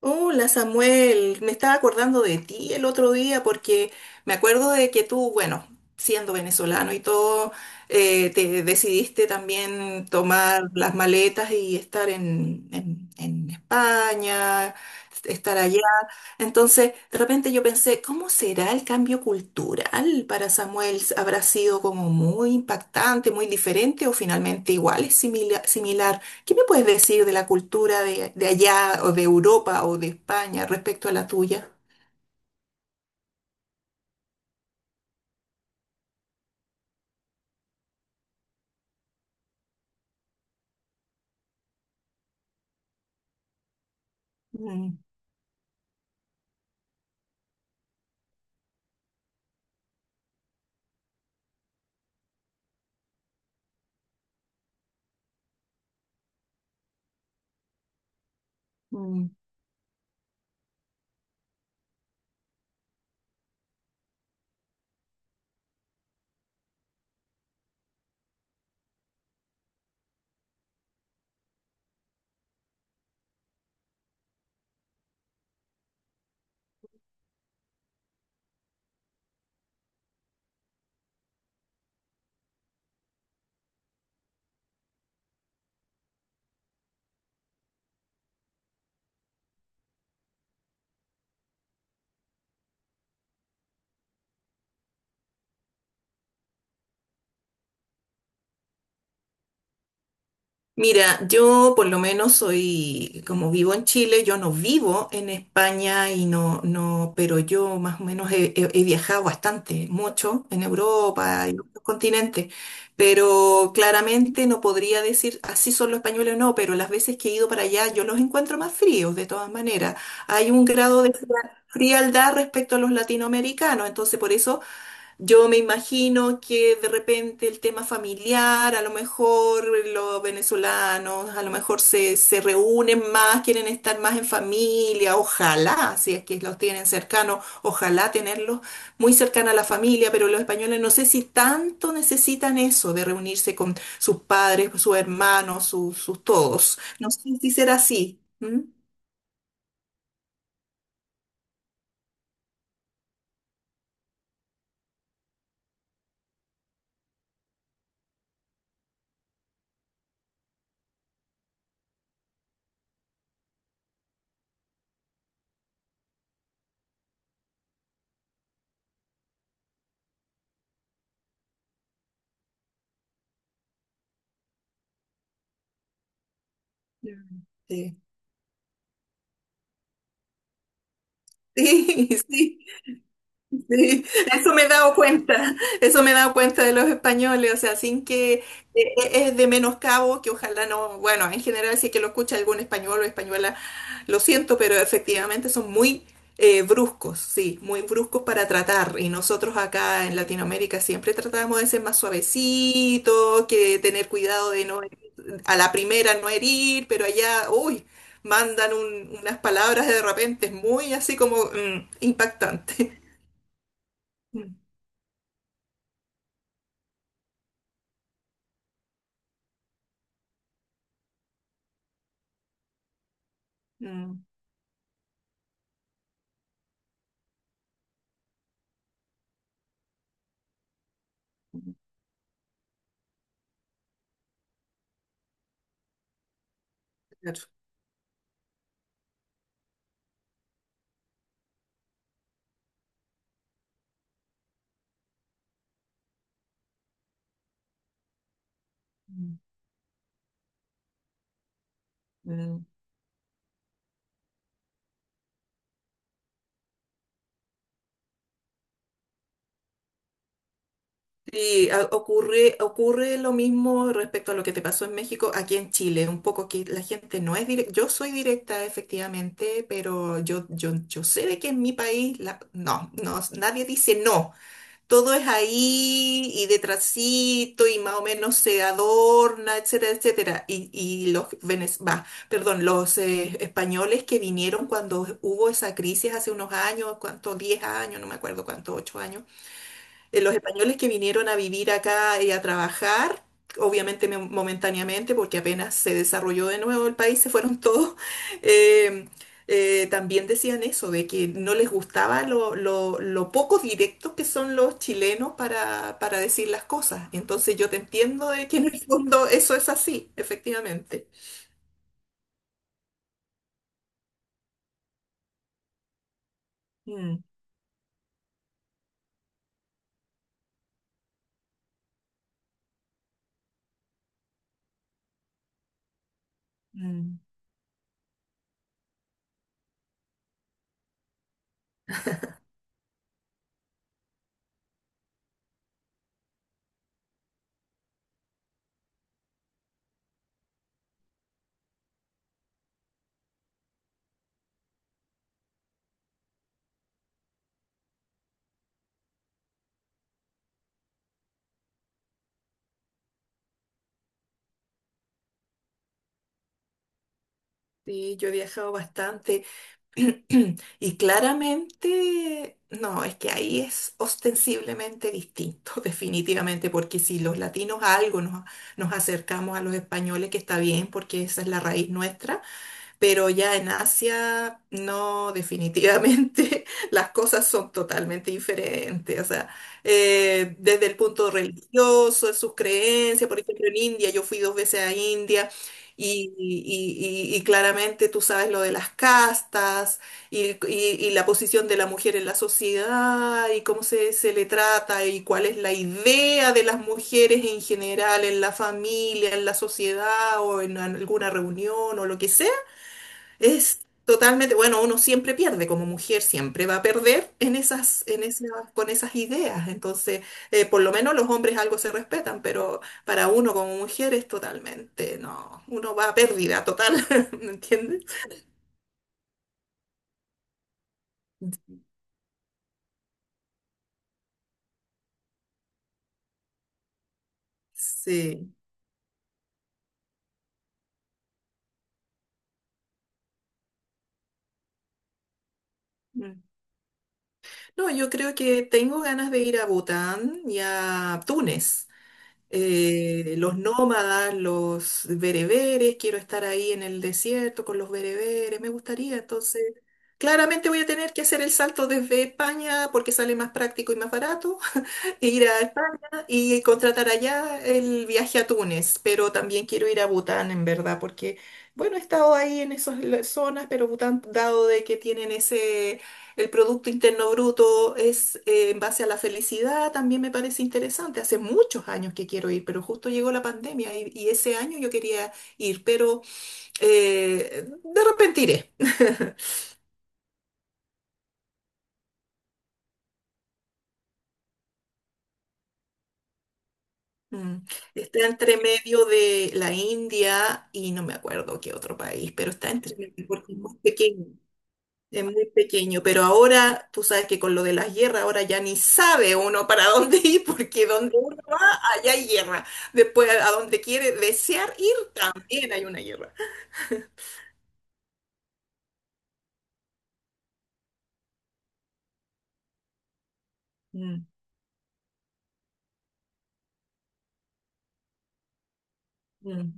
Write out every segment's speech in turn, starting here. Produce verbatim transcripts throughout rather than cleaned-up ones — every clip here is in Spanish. Hola Samuel, me estaba acordando de ti el otro día porque me acuerdo de que tú, bueno, siendo venezolano y todo, eh, te decidiste también tomar las maletas y estar en, en- en España, estar allá. Entonces, de repente yo pensé, ¿cómo será el cambio cultural para Samuel? ¿Habrá sido como muy impactante, muy diferente o finalmente igual, es simila- similar? ¿Qué me puedes decir de la cultura de, de allá o de Europa o de España respecto a la tuya? Mm, mm. Mira, yo por lo menos soy, como vivo en Chile, yo no vivo en España y no, no, pero yo más o menos he, he- he viajado bastante, mucho en Europa y en otros continentes, pero claramente no podría decir así son los españoles o no, pero las veces que he ido para allá yo los encuentro más fríos de todas maneras. Hay un grado de fria- frialdad respecto a los latinoamericanos, entonces por eso yo me imagino que de repente el tema familiar, a lo mejor los venezolanos, a lo mejor se, se reúnen más, quieren estar más en familia, ojalá, si es que los tienen cercanos, ojalá tenerlos muy cercana a la familia, pero los españoles no sé si tanto necesitan eso de reunirse con sus padres, sus hermanos, sus, sus todos. No sé si será así. ¿Mm? Mm. Sí, sí, sí. Sí, eso me he dado cuenta, eso me he dado cuenta de los españoles, o sea, sin que eh, eh, es de menoscabo, que ojalá no, bueno, en general si es que lo escucha algún español o española, lo siento, pero efectivamente son muy eh, bruscos, sí, muy bruscos para tratar, y nosotros acá en Latinoamérica siempre tratamos de ser más suavecitos, que tener cuidado de no, a la primera no herir, pero allá, uy, mandan un- unas palabras de repente, es muy así como mm, impactante. Mm, claro. Mm. Mm. Sí, a- ocurre, ocurre lo mismo respecto a lo que te pasó en México, aquí en Chile, un poco que la gente no es directa, yo soy directa efectivamente, pero yo, yo, yo sé de que en mi país la- no, no, nadie dice no. Todo es ahí y detrásito y más o menos se adorna, etcétera, etcétera. Y, y los, venez- bah, perdón, los eh, españoles que vinieron cuando hubo esa crisis hace unos años, cuánto, diez años, no me acuerdo cuánto, ocho años eh, los españoles que vinieron a vivir acá y a trabajar, obviamente mo- momentáneamente, porque apenas se desarrolló de nuevo el país, se fueron todos, eh, eh, también decían eso, de que no les gustaba lo, lo, lo poco directos que son los chilenos para, para decir las cosas. Entonces yo te entiendo de que en el fondo eso es así, efectivamente. Mm, mm. Sí, yo he viajado bastante. Y claramente, no, es que ahí es ostensiblemente distinto, definitivamente, porque si los latinos a algo nos, nos acercamos a los españoles, que está bien, porque esa es la raíz nuestra, pero ya en Asia, no, definitivamente las cosas son totalmente diferentes. O sea, eh, desde el punto religioso, de sus creencias, por ejemplo, en India, yo fui dos veces a India. Y, y- y- y claramente tú sabes lo de las castas y, y- y la posición de la mujer en la sociedad y cómo se, se le trata y cuál es la idea de las mujeres en general, en la familia, en la sociedad o en alguna reunión o lo que sea. Es totalmente, bueno, uno siempre pierde, como mujer siempre va a perder en esas, en esas, con esas ideas. Entonces, eh, por lo menos los hombres algo se respetan, pero para uno como mujer es totalmente, no, uno va a pérdida total, ¿me entiendes? Sí. Mm. No, yo creo que tengo ganas de ir a Bután y a Túnez. eh, los nómadas, los bereberes, quiero estar ahí en el desierto con los bereberes, me gustaría. Entonces, claramente voy a tener que hacer el salto desde España porque sale más práctico y más barato ir a España y contratar allá el viaje a Túnez, pero también quiero ir a Bután, en verdad, porque, bueno, he estado ahí en esas la- zonas, pero Bután, dado de que tienen ese, el Producto Interno Bruto es eh, en base a la felicidad, también me parece interesante. Hace muchos años que quiero ir, pero justo llegó la pandemia y, y ese año yo quería ir, pero eh, de repente iré. Mm. Está entre medio de la India y no me acuerdo qué otro país, pero está entre medio porque es muy pequeño, es muy pequeño. Pero ahora tú sabes que con lo de las guerras, ahora ya ni sabe uno para dónde ir, porque donde uno va, allá hay guerra. Después, a donde quiere desear ir, también hay una guerra. Mm, mm.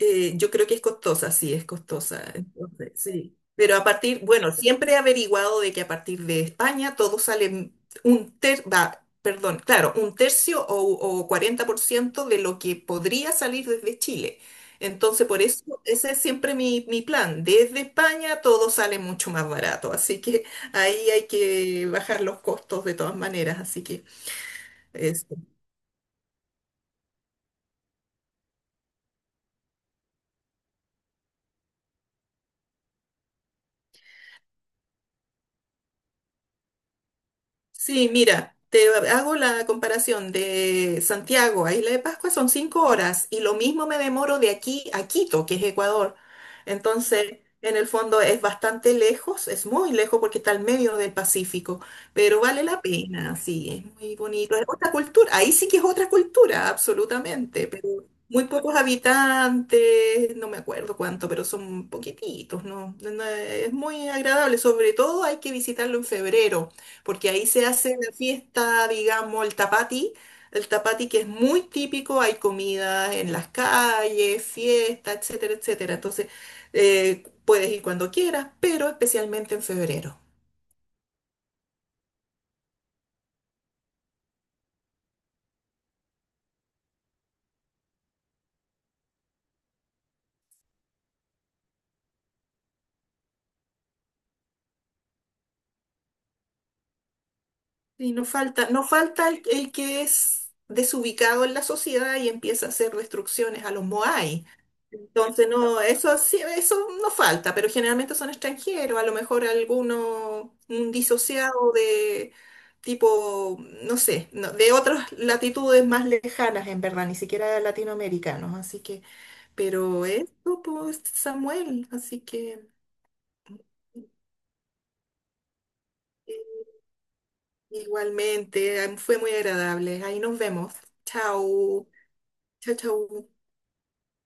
Eh, yo creo que es costosa, sí, es costosa. Entonces, sí. Pero a partir, bueno, siempre he averiguado de que a partir de España todo sale un ter, va, perdón, claro, un tercio o, o cuarenta por ciento de lo que podría salir desde Chile. Entonces, por eso, ese es siempre mi, mi plan. Desde España todo sale mucho más barato, así que ahí hay que bajar los costos de todas maneras. Así que eso. Sí, mira, te hago la comparación de Santiago a Isla de Pascua, son cinco horas y lo mismo me demoro de aquí a Quito, que es Ecuador. Entonces, en el fondo es bastante lejos, es muy lejos porque está al medio del Pacífico, pero vale la pena, sí, es muy bonito, es otra cultura, ahí sí que es otra cultura, absolutamente, muy pocos habitantes, no me acuerdo cuánto, pero son poquititos, ¿no? No- no, Es muy agradable, sobre todo hay que visitarlo en febrero, porque ahí se hace la fiesta, digamos, el tapati, el tapati que es muy típico, hay comida en las calles, fiesta, etcétera, etcétera. Entonces, eh, puedes ir cuando quieras, pero especialmente en febrero. Y no falta, no falta el, el que es desubicado en la sociedad y empieza a hacer destrucciones a los Moai. Entonces, no, eso sí, eso no falta, pero generalmente son extranjeros, a lo mejor alguno, un disociado de tipo, no sé, no, de otras latitudes más lejanas, en verdad, ni siquiera latinoamericanos, así que, pero esto, pues, Samuel, así que eh, igualmente, fue muy agradable, ahí nos vemos, chao. Chau, chau.